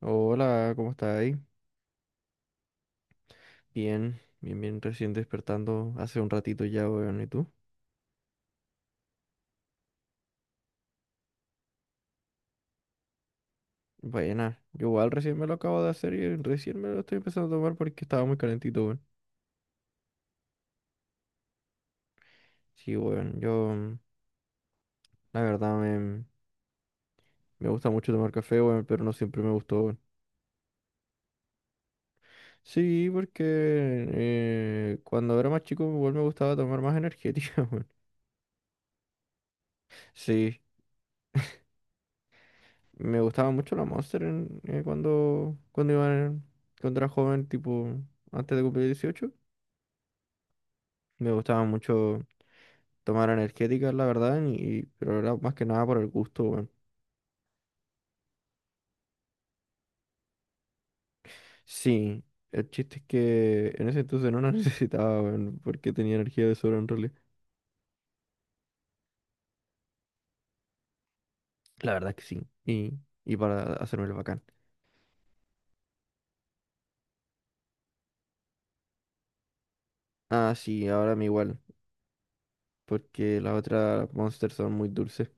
Hola, ¿cómo estás ahí? Bien, bien, bien, recién despertando hace un ratito ya, weón, ¿y tú? Buena, yo igual recién me lo acabo de hacer y recién me lo estoy empezando a tomar porque estaba muy calentito, weón. Sí, weón, yo, la verdad, me gusta mucho tomar café, weón, pero no siempre me gustó, weón. Sí, porque cuando era más chico, igual me gustaba tomar más energética, weón. Sí, me gustaba mucho la Monster cuando, cuando era joven, tipo, antes de cumplir 18. Me gustaba mucho tomar energéticas, la verdad, y, pero era más que nada por el gusto, weón. Sí, el chiste es que en ese entonces no la necesitaba, weón, porque tenía energía de sobra en realidad. La verdad que sí, y para hacerme el bacán. Ah, sí, ahora me igual, porque las otras Monster son muy dulces.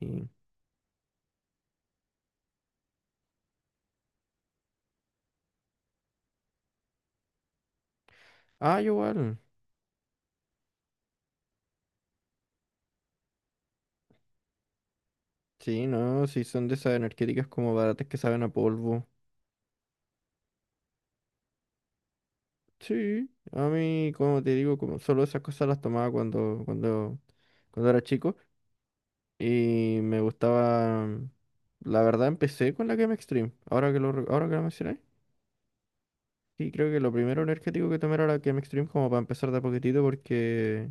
Y... Ah, yo igual. Sí, no, sí, son de esas energéticas como baratas que saben a polvo. Sí, a mí, como te digo, como solo esas cosas las tomaba cuando era chico. Y me gustaba. La verdad, empecé con la Game Extreme. Ahora que ahora que lo mencioné. Sí, creo que lo primero energético que tomé era la Game Extreme, como para empezar de a poquitito, porque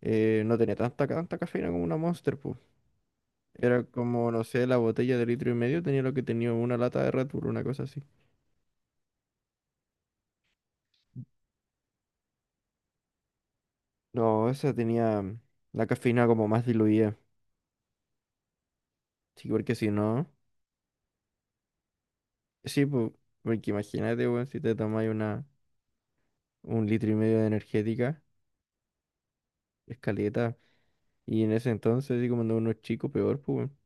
no tenía tanta cafeína como una Monster, pues. Era como, no sé, la botella de litro y medio tenía lo que tenía una lata de Red Bull, una cosa así. No, esa tenía la cafeína como más diluida. Sí, porque si no. Sí, pues. Porque imagínate, weón, si te tomáis una, un litro y medio de energética, es caleta. Y en ese entonces, así como no uno es chico, peor, pues, weón.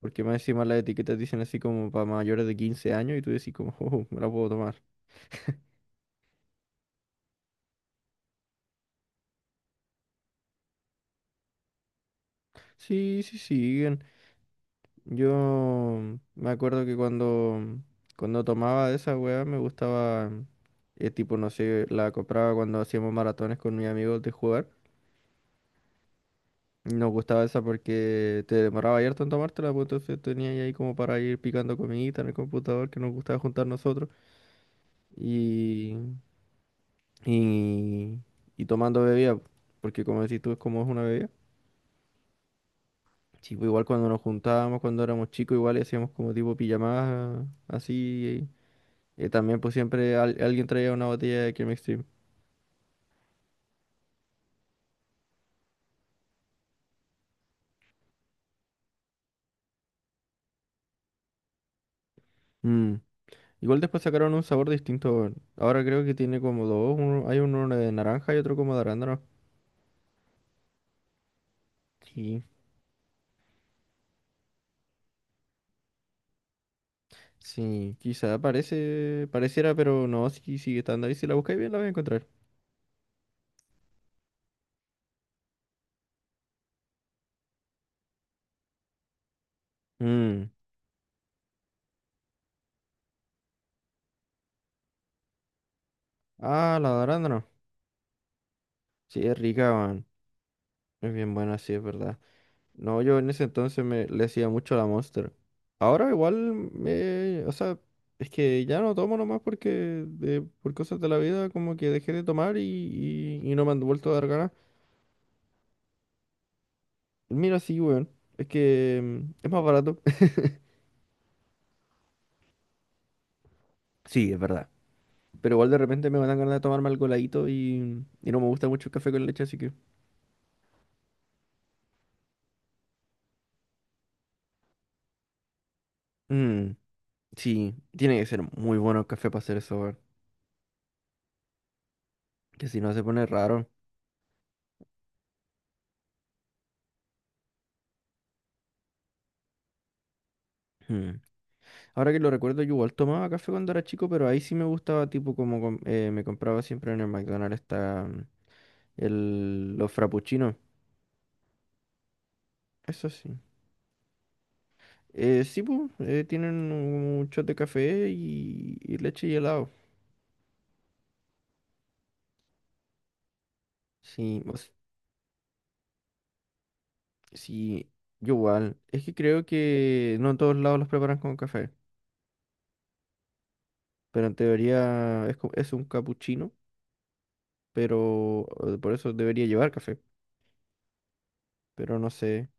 Porque más encima las etiquetas dicen así como para mayores de 15 años y tú decís como, oh, me la puedo tomar. Sí, sí, siguen. Yo me acuerdo que cuando, cuando tomaba de esa weá me gustaba, tipo, no sé, la compraba cuando hacíamos maratones con mis amigos de jugar. Y nos gustaba esa porque te demoraba harto en tomártela, pues entonces tenía ahí como para ir picando comidita en el computador que nos gustaba juntar nosotros. Y, y, y tomando bebida, porque como decís tú, es como es una bebida. Sí, pues igual cuando nos juntábamos, cuando éramos chicos, igual hacíamos como tipo pijamadas así. También pues siempre alguien traía una botella de Cream Extreme. Mm. Igual después sacaron un sabor distinto, weón. Ahora creo que tiene como dos. Hay uno de naranja y otro como de arándano. Sí, sí, quizá parece, pareciera, pero no, sí sigue estando ahí. Si la buscáis bien la vais a encontrar. Mm. Ah, la de arándano. Sí, es rica, weón. Es bien buena, sí, es verdad. No, yo en ese entonces me le hacía mucho a la Monster. Ahora igual o sea, es que ya no tomo nomás porque por cosas de la vida como que dejé de tomar y, y no me han vuelto a dar ganas. Mira, sí, weón. Es que mm, es más barato. Sí, es verdad. Pero igual de repente me dan ganas de tomarme algo heladito y no me gusta mucho el café con leche, así que. Mm, sí, tiene que ser muy bueno el café para hacer eso, weón. Que si no se pone raro. Ahora que lo recuerdo, yo igual tomaba café cuando era chico, pero ahí sí me gustaba, tipo me compraba siempre en el McDonald's está el, los frappuccinos. Eso sí. Sí, pues, tienen un shot de café y leche y helado. Sí, o s- sí, yo igual. Es que creo que no en todos lados los preparan con café, pero en teoría es un capuchino, pero por eso debería llevar café, pero no sé.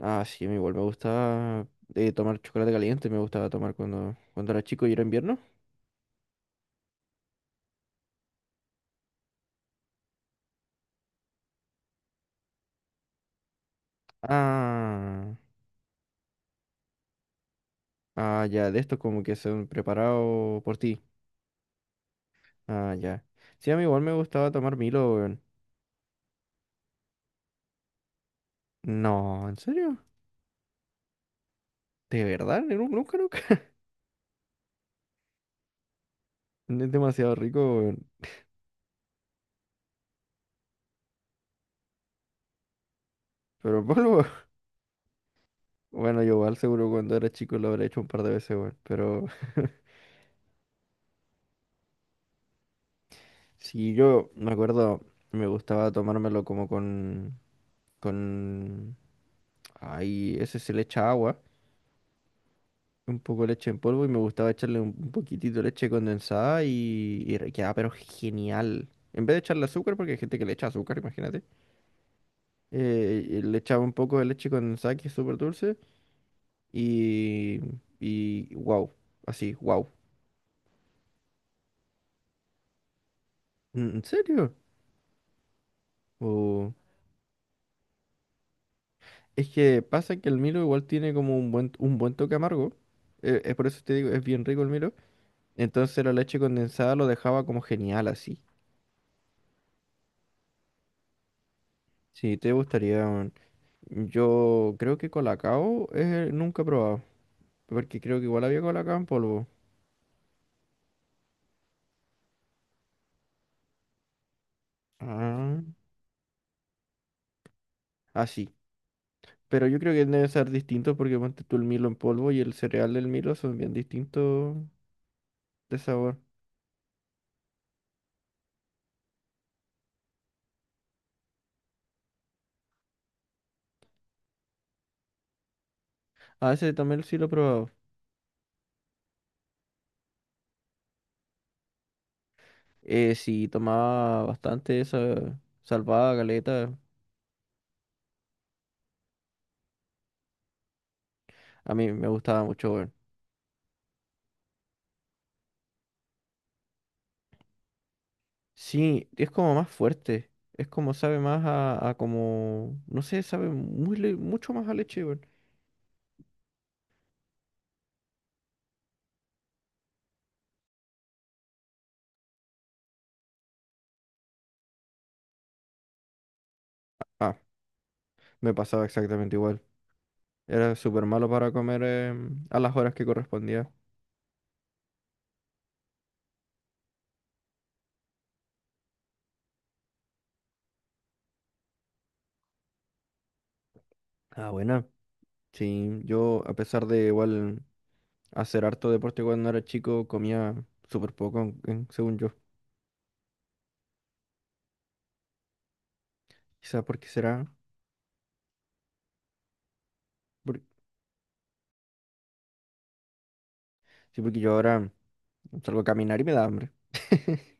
Ah, sí, a mí igual me gusta tomar chocolate caliente, me gustaba tomar cuando, cuando era chico y era invierno. Ah, ah, ya, de estos como que son preparados por ti. Ah, ya. Sí, a mí igual me gustaba tomar Milo, weón. No, ¿en serio? ¿De verdad? Nunca, nunca. Es demasiado rico, weón. Pero en polvo. Bueno, yo igual seguro cuando era chico lo habré hecho un par de veces, weón. Pero sí, yo me acuerdo, me gustaba tomármelo como con... Ay, ese se le echa agua. Un poco de leche en polvo y me gustaba echarle un poquitito de leche condensada y, quedaba pero genial. En vez de echarle azúcar, porque hay gente que le echa azúcar, imagínate, y le echaba un poco de leche condensada que es súper dulce y, y wow, así, wow. En serio? O- es que pasa que el Milo igual tiene como un buen toque amargo. Es por eso te digo, es bien rico el Milo. Entonces la leche condensada lo dejaba como genial así. Sí, te gustaría, weón. Yo creo que Colacao nunca he probado, porque creo que igual había Colacao en polvo. Ah, ah, sí. Pero yo creo que deben ser distintos porque ponte tú el Milo en polvo y el cereal del Milo son bien distintos de sabor. Ah, ese también sí lo he probado. Sí, tomaba bastante esa salvada galeta. A mí me gustaba mucho, weón. Sí, es como más fuerte. Es como sabe más a como, no sé, sabe muy, mucho más a leche, weón. Ah, me pasaba exactamente igual. Era súper malo para comer a las horas que correspondía. Ah, buena. Sí, yo a pesar de igual hacer harto deporte cuando era chico, comía súper poco, según yo. Quizás porque será. por- Sí, porque yo ahora salgo a caminar y me da hambre.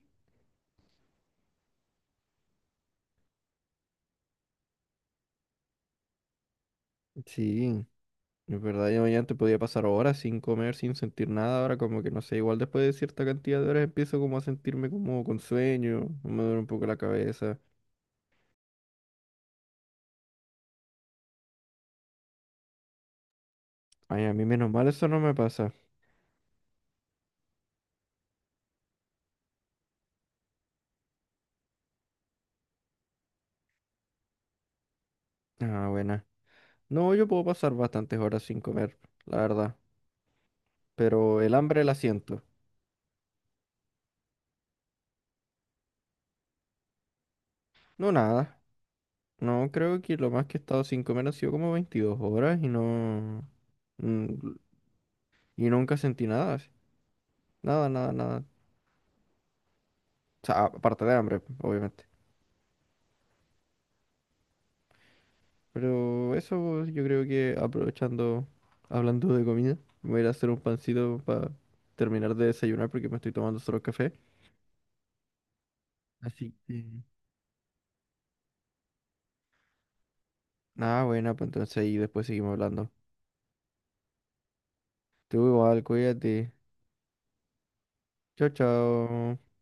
Sí, es verdad, yo ya antes podía pasar horas sin comer, sin sentir nada, ahora como que no sé, igual después de cierta cantidad de horas empiezo como a sentirme como con sueño, me duele un poco la cabeza. Ay, a mí menos mal eso no me pasa. Ah, buena. No, yo puedo pasar bastantes horas sin comer, la verdad, pero el hambre la siento. No, nada. No, creo que lo más que he estado sin comer ha sido como 22 horas y no... mm, y nunca sentí nada, así. Nada, nada, nada. O sea, aparte de hambre, obviamente. Pero eso yo creo que aprovechando, hablando de comida, me voy a ir a hacer un pancito para terminar de desayunar porque me estoy tomando solo café. Así que... Nada, buena, pues entonces ahí después seguimos hablando. Tú igual, cuídate. Chao, chao.